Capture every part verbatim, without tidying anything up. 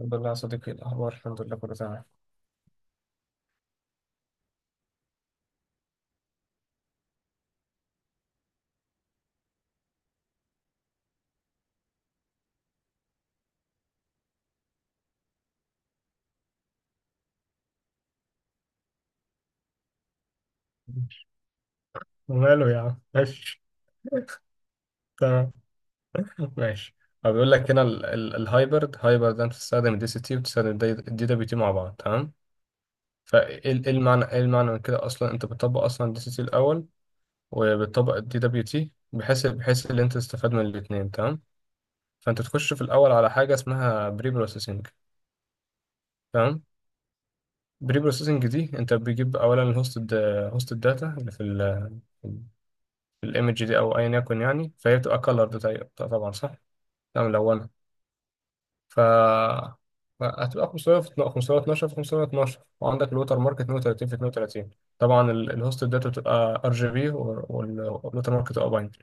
الحمد لله يا صديقي، إيه الأخبار؟ الحمد لله، كله تمام. وماله يا عم؟ ماشي. تمام، ماشي. هو بيقول لك هنا ال- ال- الهايبرد هايبرد ده بتستخدم الدي سي تي، وبتستخدم الدي دبليو تي مع بعض. تمام. فايه ال- إيه المعنى، ايه المعنى من كده اصلا؟ انت بتطبق اصلا الدي سي تي الاول، وبالطبق الدي دبليو تي، بحيث بحيث ان انت تستفاد من الاثنين. تمام. فانت تخش في الاول على حاجه اسمها بري بروسيسنج. تمام. بري بروسيسنج دي، انت بتجيب اولا الهوست، هوست الداتا اللي في ال في الايمج دي، او ايا يكن يعني. فهي بتبقى كلر. طبعا، صح. تمام، ملونه. ف، هتبقى خمسمية في خمسمية واتناشر في خمسمية واتناشر، وعندك الوتر مارك اتنين وتلاتين في اتنين وتلاتين. طبعا، ال- الهوست الداتا بتبقى ار جي بي، والوتر مارك بتبقى باينري.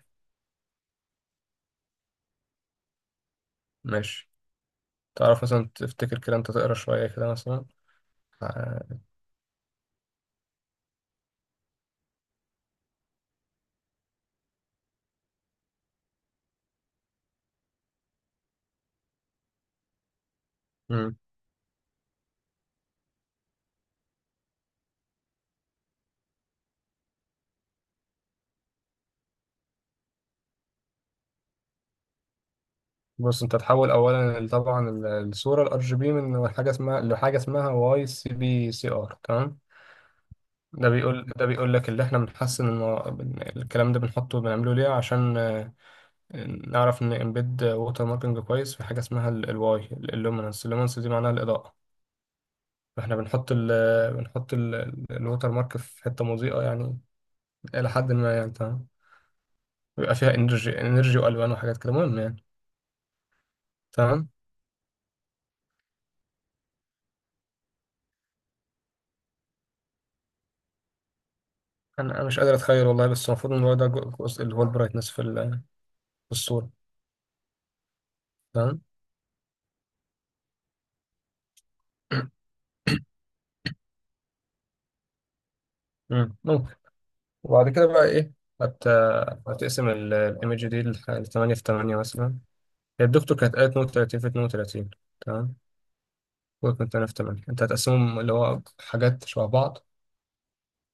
ماشي. تعرف مثلا تفتكر كده؟ انت تقرا شويه كده مثلا. آه. مم. بص، انت تحول اولا ال- طبعا ال- الصوره الار جي بي من حاجه اسمها لحاجه اسمها واي سي بي سي ار. تمام. ده بيقول ده بيقول لك اللي احنا بنحسن المو... بن- الكلام ده بنحطه، بنعمله ليه؟ عشان آه، نعرف ان امبيد ووتر ماركينج كويس في حاجه اسمها الواي اللومينس. اللومينس دي معناها الاضاءه. فاحنا بنحط ال بنحط الووتر مارك في حته مضيئه، يعني الى حد ما. يعني تمام. بيبقى فيها انرجي، انرجي والوان وحاجات كده. المهم يعني. تمام. انا أنا مش قادر اتخيل والله، بس المفروض ان هو ده جزء اللي هو البرايتنس في ال- في الصوره. تمام. مم، ممكن. وبعد كده بقى ايه؟ هت... هتقسم الايمج دي ل ثمانية في ثمانية مثلا. هي الدكتور كانت قالت اتنين وتلاتين في اتنين وتلاتين. تمام. وكنت تمانية في ثمانية، انت هتقسمهم، اللي هو حاجات شبه بعض،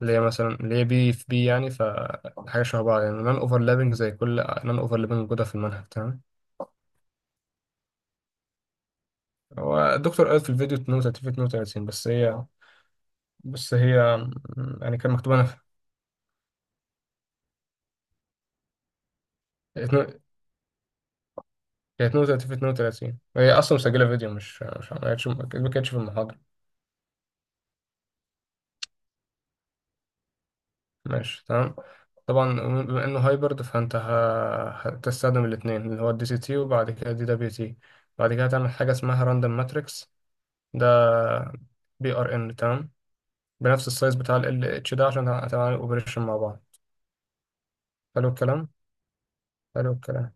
اللي هي مثلا اللي هي بي في بي يعني، فحاجه شبه بعض يعني. نون اوفرلابنج. زي كل، نون اوفرلابنج موجوده في المنهج. تمام. هو الدكتور قالت في الفيديو اتنين وتلاتين في اتنين وتلاتين. بس هي بس هي يعني كان مكتوب اتنين- كانت اتنين وتلاتين في اتنين وتلاتين. هي اصلا مسجله فيديو، مش مش ما كانتش ما كانتش في المحاضره. ماشي، تمام، طبعا. بما انه هايبرد، فانت ه- هتستخدم الاثنين، اللي هو الدي سي تي، وبعد كده دي دبليو تي. بعد كده تعمل حاجه اسمها راندوم ماتريكس. ده بي ار ان. تمام. بنفس السايز بتاع ال اتش ده، عشان هتعمل اوبريشن مع بعض. حلو الكلام. حلو الكلام.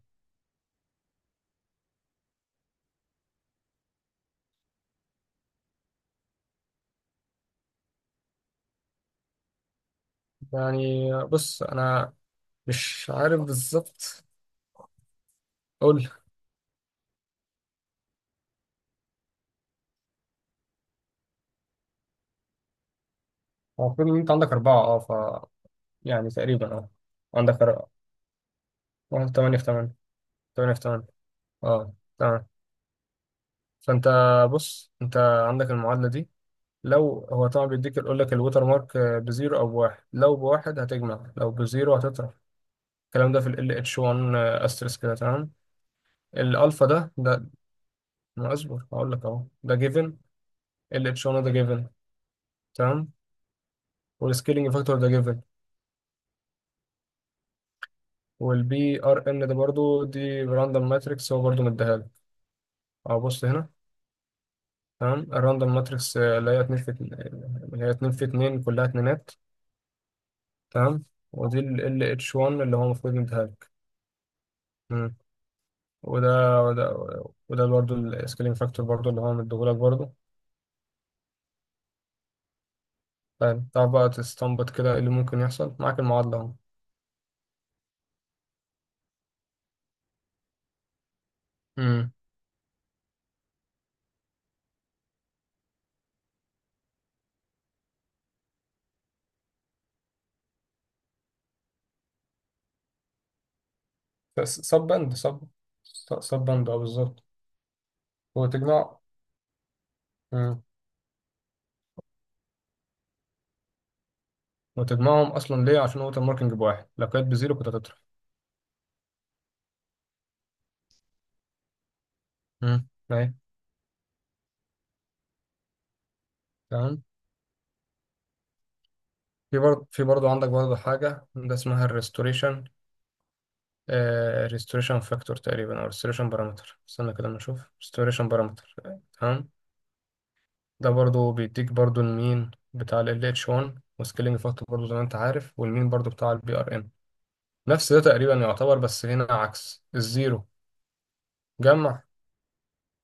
يعني بص، انا مش عارف بالظبط. قول. هو المفروض ان انت عندك اربعه، اه، ف، يعني تقريبا اه، عندك اه تمانية في تمانية تمانية في تمانية، اه، تمام. فانت بص، انت عندك المعادله دي. لو هو طبعا بيديك، يقول لك الوتر مارك آه، بزيرو او بواحد. لو بواحد هتجمع، لو بزيرو هتطرح. الكلام ده في ال LH1 آه، asterisk كده. تمام. الالفا ده ده ما اصبر، هقول لك اهو. ده جيفن. ال LH1 ده جيفن. تمام. والسكيلينج فاكتور ده جيفن. والبي ار ان ده برضو، دي راندوم ماتريكس، هو برضو مديها لك. اهو بص هنا. تمام. الراندوم ماتريكس اللي هي اتنين في اتنين- اللي هي اتنين في اتنين، كلها اتنينات. تمام. ودي ال LH1 اللي هو المفروض يديها لك. مم. وده وده وده برضه السكيلينج فاكتور برضه، اللي هو مديهولك برضه. فاهم؟ تعرف بقى تستنبط كده ايه اللي ممكن يحصل معاك؟ المعادلة اهو. مم. بس سب بند، سب سب بند، اه، بالظبط. وتجمع. مم. وتجمعهم اصلا ليه؟ عشان هو الماركينج بواحد، لو كانت بزيرو كنت هتطرح. مم، اهي، تمام. في برضه في برضه عندك برضه حاجة، ده اسمها الريستوريشن. ريستوريشن فاكتور تقريبا، او ريستوريشن بارامتر. استنى كده ما نشوف. ريستوريشن بارامتر. تمام. ده برضو بيديك برضو المين بتاع ال LH1، وسكيلينج فاكتور برضو زي ما انت عارف، والمين برضو بتاع البي ار ام. نفس ده تقريبا يعتبر، بس هنا عكس الزيرو. جمع،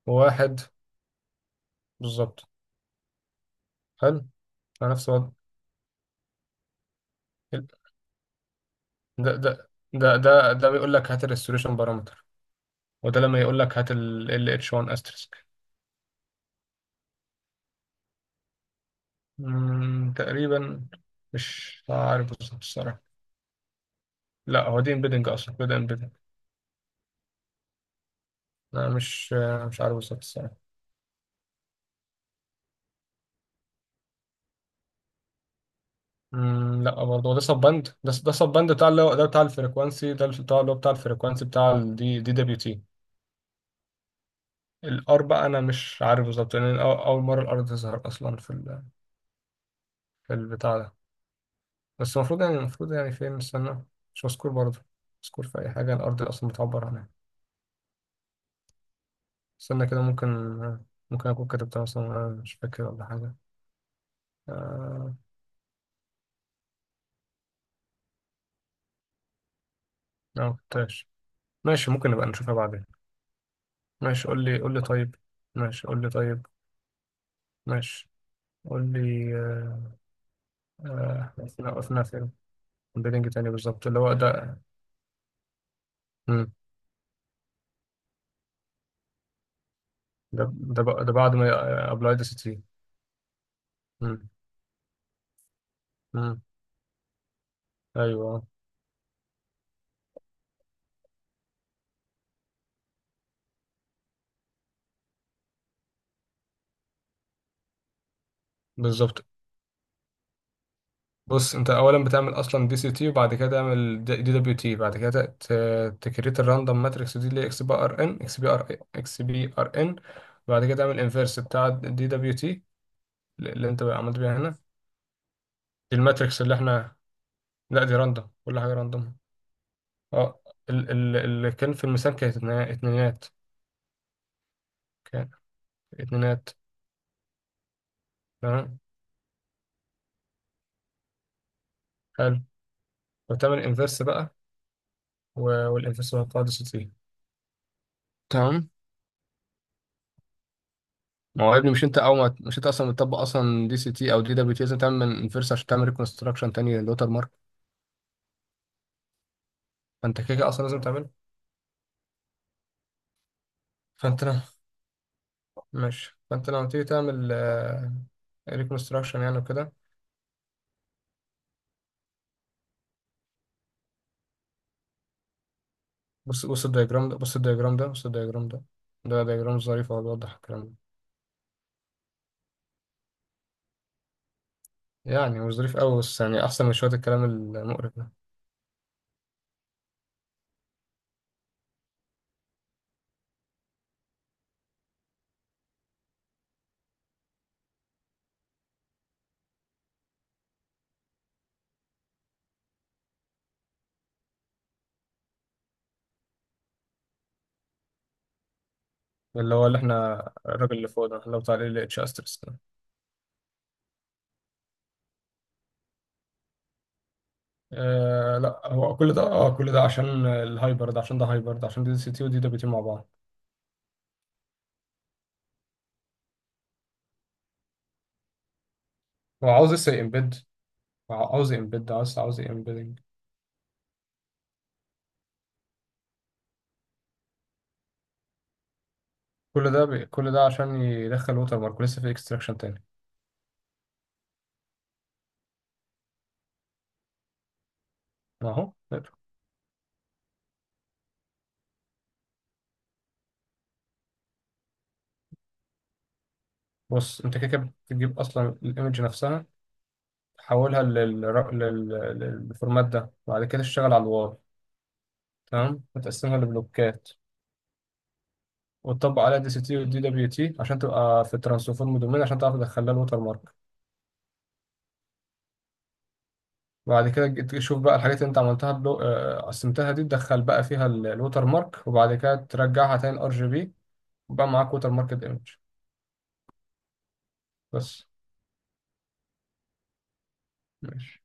وواحد. بالظبط. حلو. على نفس الوضع. ال- ده ده ده ده ده بيقول لك هات الريستوريشن بارامتر. وده لما يقول لك هات ال LH1 استرسك. مم، تقريبا. مش عارف بالظبط. لا، هو دي امبيدنج اصلا كده، امبيدنج. انا مش مش عارف بالظبط الصراحه. أمم، لا برضه هو ده سب باند. ده ده سب باند بتاع اللي هو ده بتاع الفريكوانسي، ده بتاع اللي هو بتاع الفريكوانسي بتاع الدي دي دبليو تي. الار بقى انا مش عارف بالظبط، لان أنا أو- اول مره الار تظهر اصلا في ال... في البتاع ده. بس المفروض يعني، المفروض يعني فين؟ استنى. مش مذكور برضه. مذكور في اي حاجه الار دي اصلا بتعبر عنها؟ استنى كده. ممكن ممكن اكون كتبتها مثلا وأنا مش فاكر ولا حاجه. آه... لا، ما كتبتهاش. ماشي، ممكن نبقى نشوفها بعدين. ماشي، قول لي قول لي طيب. ماشي، قول لي طيب. ماشي، قول لي. آه، آه، وقفنا، وقفنا فين؟ بيلينج تاني بالظبط، اللي هو ده. مم. ده ده بق- ده بعد ما ابلاي دي سي تي. مم. مم. ايوه، آه، بالظبط. بص، انت اولا بتعمل اصلا دي سي تي، وبعد كده تعمل دي دبليو تي. بعد كده ت- تكريت الراندوم ماتريكس دي، اللي هي اكس بي ار ان، اكس بي ار اكس بي ار ان. وبعد كده تعمل انفيرس بتاع دي دبليو تي، اللي انت بقى عملت بيها هنا. دي الماتريكس اللي احنا، لا دي راندوم. كل حاجه راندوم. اه، ال- ال- اللي كان في الميزان كانت اتنا- اتنينات. كان اتنينات. تمام. حلو. وتعمل انفرس بقى. و- والانفرس هو قاعدة سي تي. تمام. ما هو يا ابني، مش انت او ما مش انت اصلا بتطبق اصلا دي سي تي او دي دبليو تي؟ لازم تعمل انفرس عشان تعمل ريكونستراكشن تاني للوتر مارك. فانت كده كده اصلا لازم تعمله. فانت لو ماشي فانت لما تيجي تعمل ريكونستراكشن يعني، وكده. بص بص الدياجرام ده. بص الدياجرام ده. بص الدياجرام ده. ده دياجرام ظريف، هو بيوضح الكلام ده. يعني مش ظريف قوي، بس يعني احسن من شويه الكلام المقرف ده. اللي هو اللي احنا، الراجل اللي فوق ده، احنا بتاع ال اتش استرس ده. آه لا، هو كل ده، اه كل ده عشان الهايبر ده، عشان ده هايبر، ده عشان دي سي تي ودي دبليو تي مع بعض. هو عاوز لسه امبيد. عاوز امبيد عاوز عاوز امبيدنج. كل ده بي... كل ده عشان يدخل ووتر مارك، لسه في اكستراكشن تاني. اهو بص. انت كده كده بتجيب اصلا الايمج نفسها، تحولها لل... لل... للفورمات ده، وبعد كده تشتغل على الواي. تمام. وتقسمها لبلوكات، وتطبق عليها دي سي تي والدي دبليو تي، عشان تبقى في الترانسفورم دومين، عشان تعرف تدخلها الوتر مارك. بعد كده جيت تشوف بقى الحاجات اللي انت عملتها بلو... آه، قسمتها دي، تدخل بقى فيها ال- الوتر مارك، وبعد كده ترجعها تاني الار جي بي. وبقى معاك ووتر ماركت ايمج. بس. ماشي.